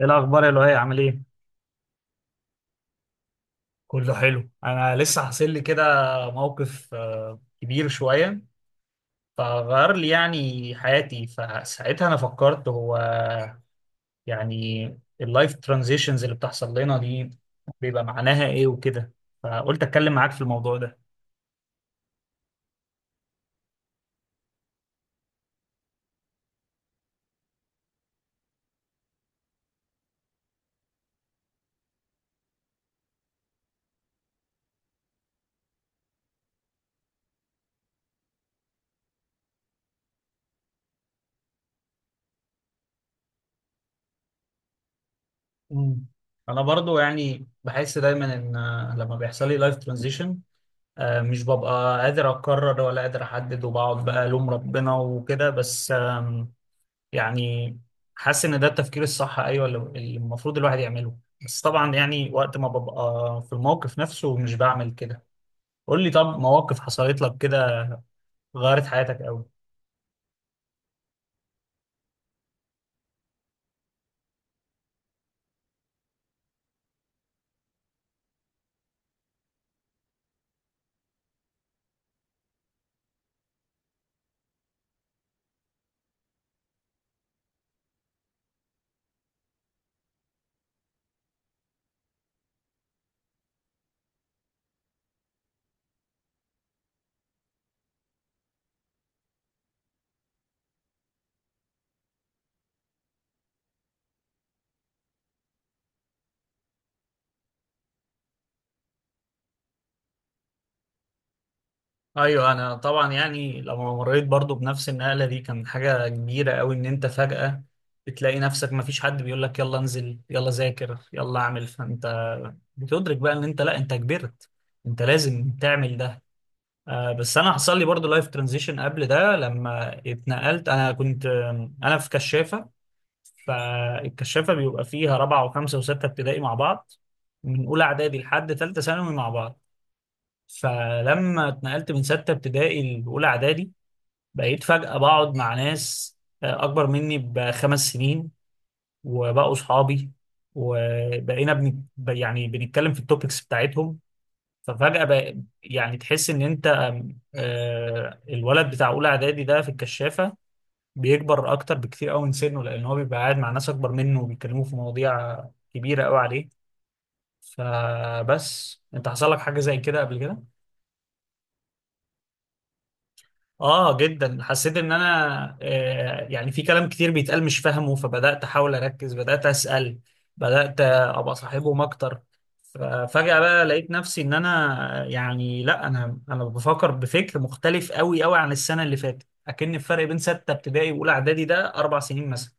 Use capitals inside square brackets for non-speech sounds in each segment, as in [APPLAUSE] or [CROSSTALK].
ايه الاخبار يا لؤي؟ عامل ايه؟ كله حلو، انا لسه حاصل لي كده موقف كبير شويه، فغير لي يعني حياتي. فساعتها انا فكرت هو يعني اللايف ترانزيشنز اللي بتحصل لنا دي بيبقى معناها ايه وكده، فقلت اتكلم معاك في الموضوع ده. مم. انا برضو يعني بحس دايما ان لما بيحصل لي لايف ترانزيشن مش ببقى قادر اقرر ولا قادر احدد، وبقعد بقى الوم ربنا وكده. بس يعني حاسس ان ده التفكير الصح، ايوه، اللي المفروض الواحد يعمله، بس طبعا يعني وقت ما ببقى في الموقف نفسه مش بعمل كده. قول لي، طب مواقف حصلت لك كده غيرت حياتك قوي؟ ايوه، انا طبعا يعني لما مريت برضو بنفس النقله دي كان حاجه كبيره قوي، ان انت فجاه بتلاقي نفسك ما فيش حد بيقول لك يلا انزل، يلا ذاكر، يلا اعمل. فانت بتدرك بقى ان انت، لا، انت كبرت، انت لازم تعمل ده. بس انا حصل لي برضو لايف ترانزيشن قبل ده لما اتنقلت. انا كنت انا في كشافه، فالكشافه بيبقى فيها رابعه وخمسه وسته ابتدائي مع بعض، من اولى اعدادي لحد ثالثه ثانوي مع بعض. فلما اتنقلت من سته ابتدائي لاولى اعدادي بقيت فجاه بقعد مع ناس اكبر مني بخمس سنين، وبقوا صحابي، وبقينا بن... يعني بنتكلم في التوبكس بتاعتهم. ففجأة بقى يعني تحس إن أنت، آم، آه، الولد بتاع أولى إعدادي ده في الكشافة بيكبر أكتر بكتير أوي من سنه، لأن هو بيبقى قاعد مع ناس أكبر منه وبيتكلموا في مواضيع كبيرة أوي عليه. فبس أنت حصل لك حاجة زي كده قبل كده؟ اه، جدا، حسيت ان انا آه يعني في كلام كتير بيتقال مش فاهمه، فبدات احاول اركز، بدات اسال، بدات ابقى صاحبهم اكتر. ففجاه بقى لقيت نفسي ان انا يعني، لا، انا بفكر، بفكر مختلف قوي عن السنه اللي فاتت، اكن الفرق بين سته ابتدائي واولى اعدادي ده اربع سنين مثلا.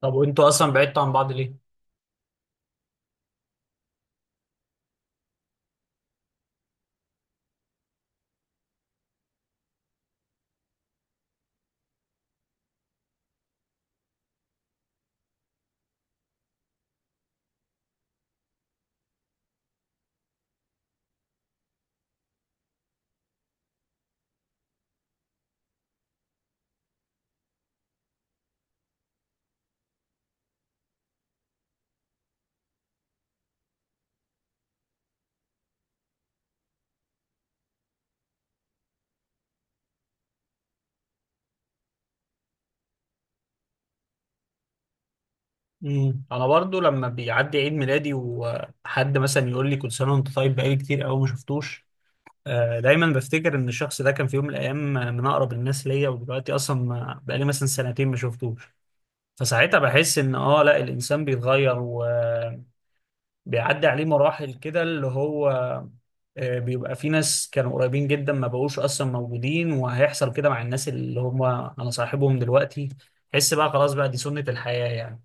طب وانتوا اصلا بعدتوا عن بعض ليه؟ امم، انا برضو لما بيعدي عيد ميلادي وحد مثلا يقول لي كل سنه وانت طيب بقالي كتير قوي ما شفتوش، دايما بفتكر ان الشخص ده كان في يوم من الايام من اقرب الناس ليا، ودلوقتي اصلا بقالي مثلا سنتين ما شفتوش. فساعتها بحس ان اه، لا، الانسان بيتغير وبيعدي عليه مراحل كده، اللي هو بيبقى في ناس كانوا قريبين جدا ما بقوش اصلا موجودين، وهيحصل كده مع الناس اللي هم انا صاحبهم دلوقتي. حس بقى خلاص بقى دي سنة الحياة يعني.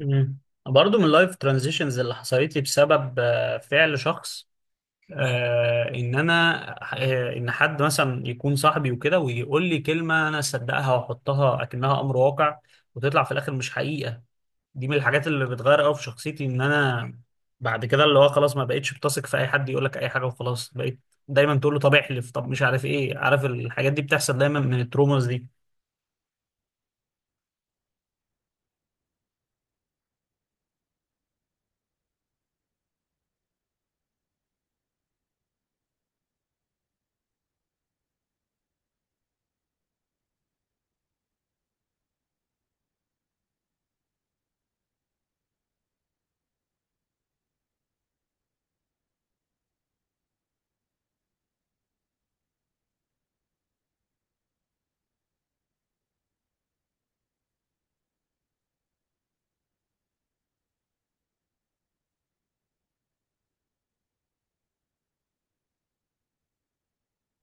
امم. برضه من اللايف ترانزيشنز اللي حصلت لي بسبب فعل شخص، آه ان انا آه ان حد مثلا يكون صاحبي وكده ويقول لي كلمه انا اصدقها واحطها اكنها امر واقع، وتطلع في الاخر مش حقيقه. دي من الحاجات اللي بتغير قوي في شخصيتي، ان انا بعد كده اللي هو خلاص ما بقتش بتثق في اي حد يقول لك اي حاجه، وخلاص بقيت دايما تقول له طب احلف، طب مش عارف ايه، عارف، الحاجات دي بتحصل دايما من التروماز دي.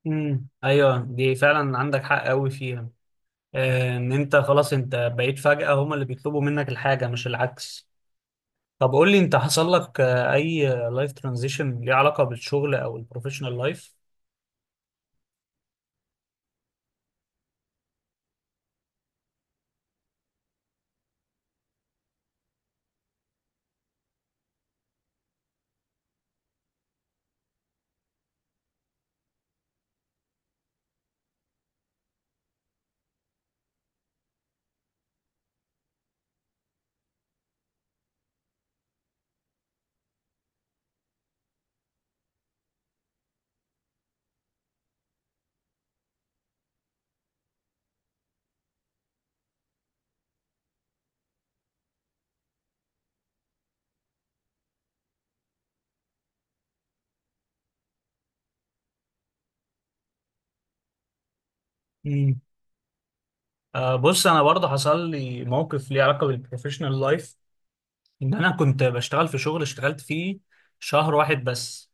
امم، ايوه، دي فعلا عندك حق قوي فيها. آه ان انت خلاص انت بقيت فجاه هم اللي بيطلبوا منك الحاجه مش العكس. طب قول لي انت حصل لك اي لايف ترانزيشن ليه علاقه بالشغل او البروفيشنال لايف؟ مم. بص، انا برضه حصل لي موقف ليه علاقه بالبروفيشنال لايف. ان انا كنت بشتغل في شغل اشتغلت فيه شهر واحد بس،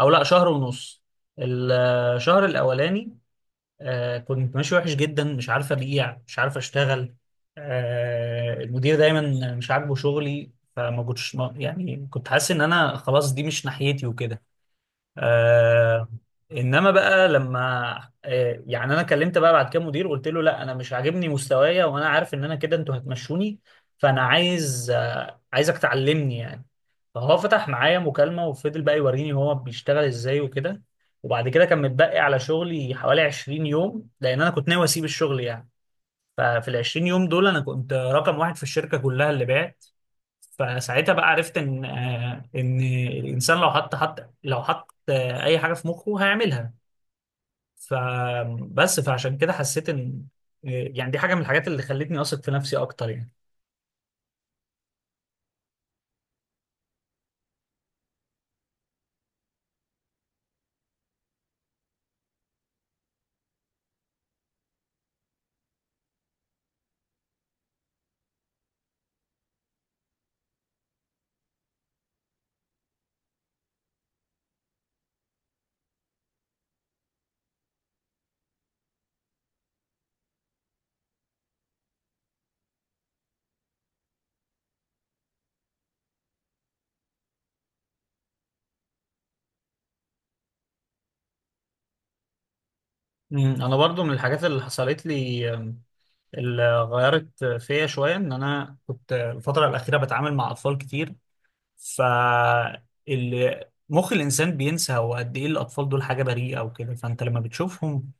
او لا، شهر ونص. الشهر الاولاني كنت ماشي وحش جدا، مش عارف ابيع، مش عارف اشتغل، المدير دايما مش عاجبه شغلي. فما كنتش ما- يعني كنت حاسس ان انا خلاص دي مش ناحيتي وكده. آه انما بقى لما يعني انا كلمت بقى بعد كده مدير، قلت له لا انا مش عاجبني مستوايا، وانا عارف ان انا كده انتوا هتمشوني، فانا عايز عايزك تعلمني يعني. فهو فتح معايا مكالمة وفضل بقى يوريني هو بيشتغل ازاي وكده. وبعد كده كان متبقي على شغلي حوالي 20 يوم، لان انا كنت ناوي اسيب الشغل يعني. ففي ال 20 يوم دول انا كنت رقم واحد في الشركه كلها اللي بعت. فساعتها بقى عرفت ان ان الانسان لو حط اي حاجه في مخه هيعملها. فبس، فعشان كده حسيت ان آه، يعني دي حاجه من الحاجات اللي خلتني اثق في نفسي اكتر يعني. مم، انا برضو من الحاجات اللي حصلت لي، اللي غيرت فيا شويه، ان انا كنت الفتره الاخيره بتعامل مع اطفال كتير. فال مخ الانسان بينسى هو قد ايه الاطفال دول حاجه بريئه وكده. فانت لما بتشوفهم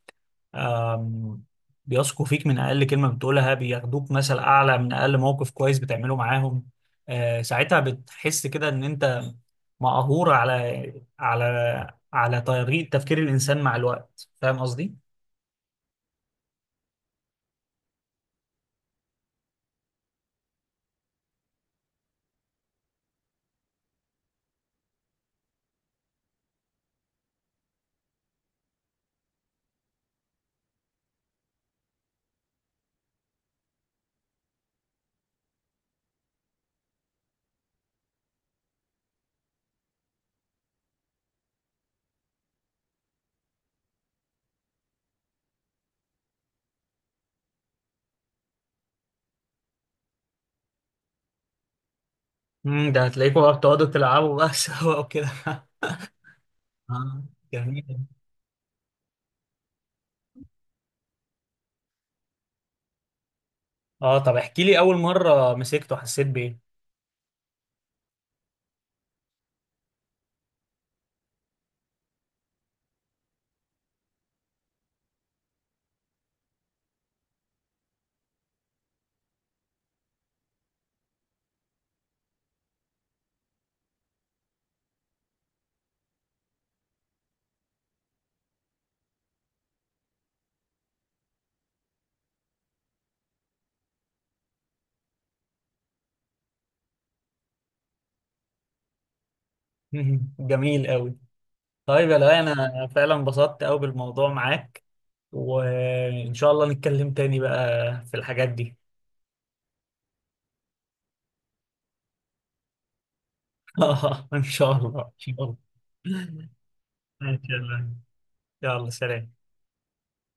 آم، بيثقوا فيك من اقل كلمه بتقولها، بياخدوك مثل اعلى من اقل موقف كويس بتعمله معاهم. ساعتها بتحس كده ان انت مقهور على على على طريقه تفكير الانسان مع الوقت. فاهم قصدي؟ مم، ده هتلاقيكوا بقى بتقعدوا تلعبوا بقى [LAUGHS] سوا وكده. آه، جميل. اه، طب احكي لي اول مره مسكته حسيت بايه؟ [LAUGHS] جميل قوي. طيب يا لؤي، انا فعلا انبسطت قوي بالموضوع معاك، وان شاء الله نتكلم تاني بقى في الحاجات دي. [LAUGHS] ان شاء الله، ان شاء الله. [LAUGHS] ماشي يا لؤي. يلا سلام.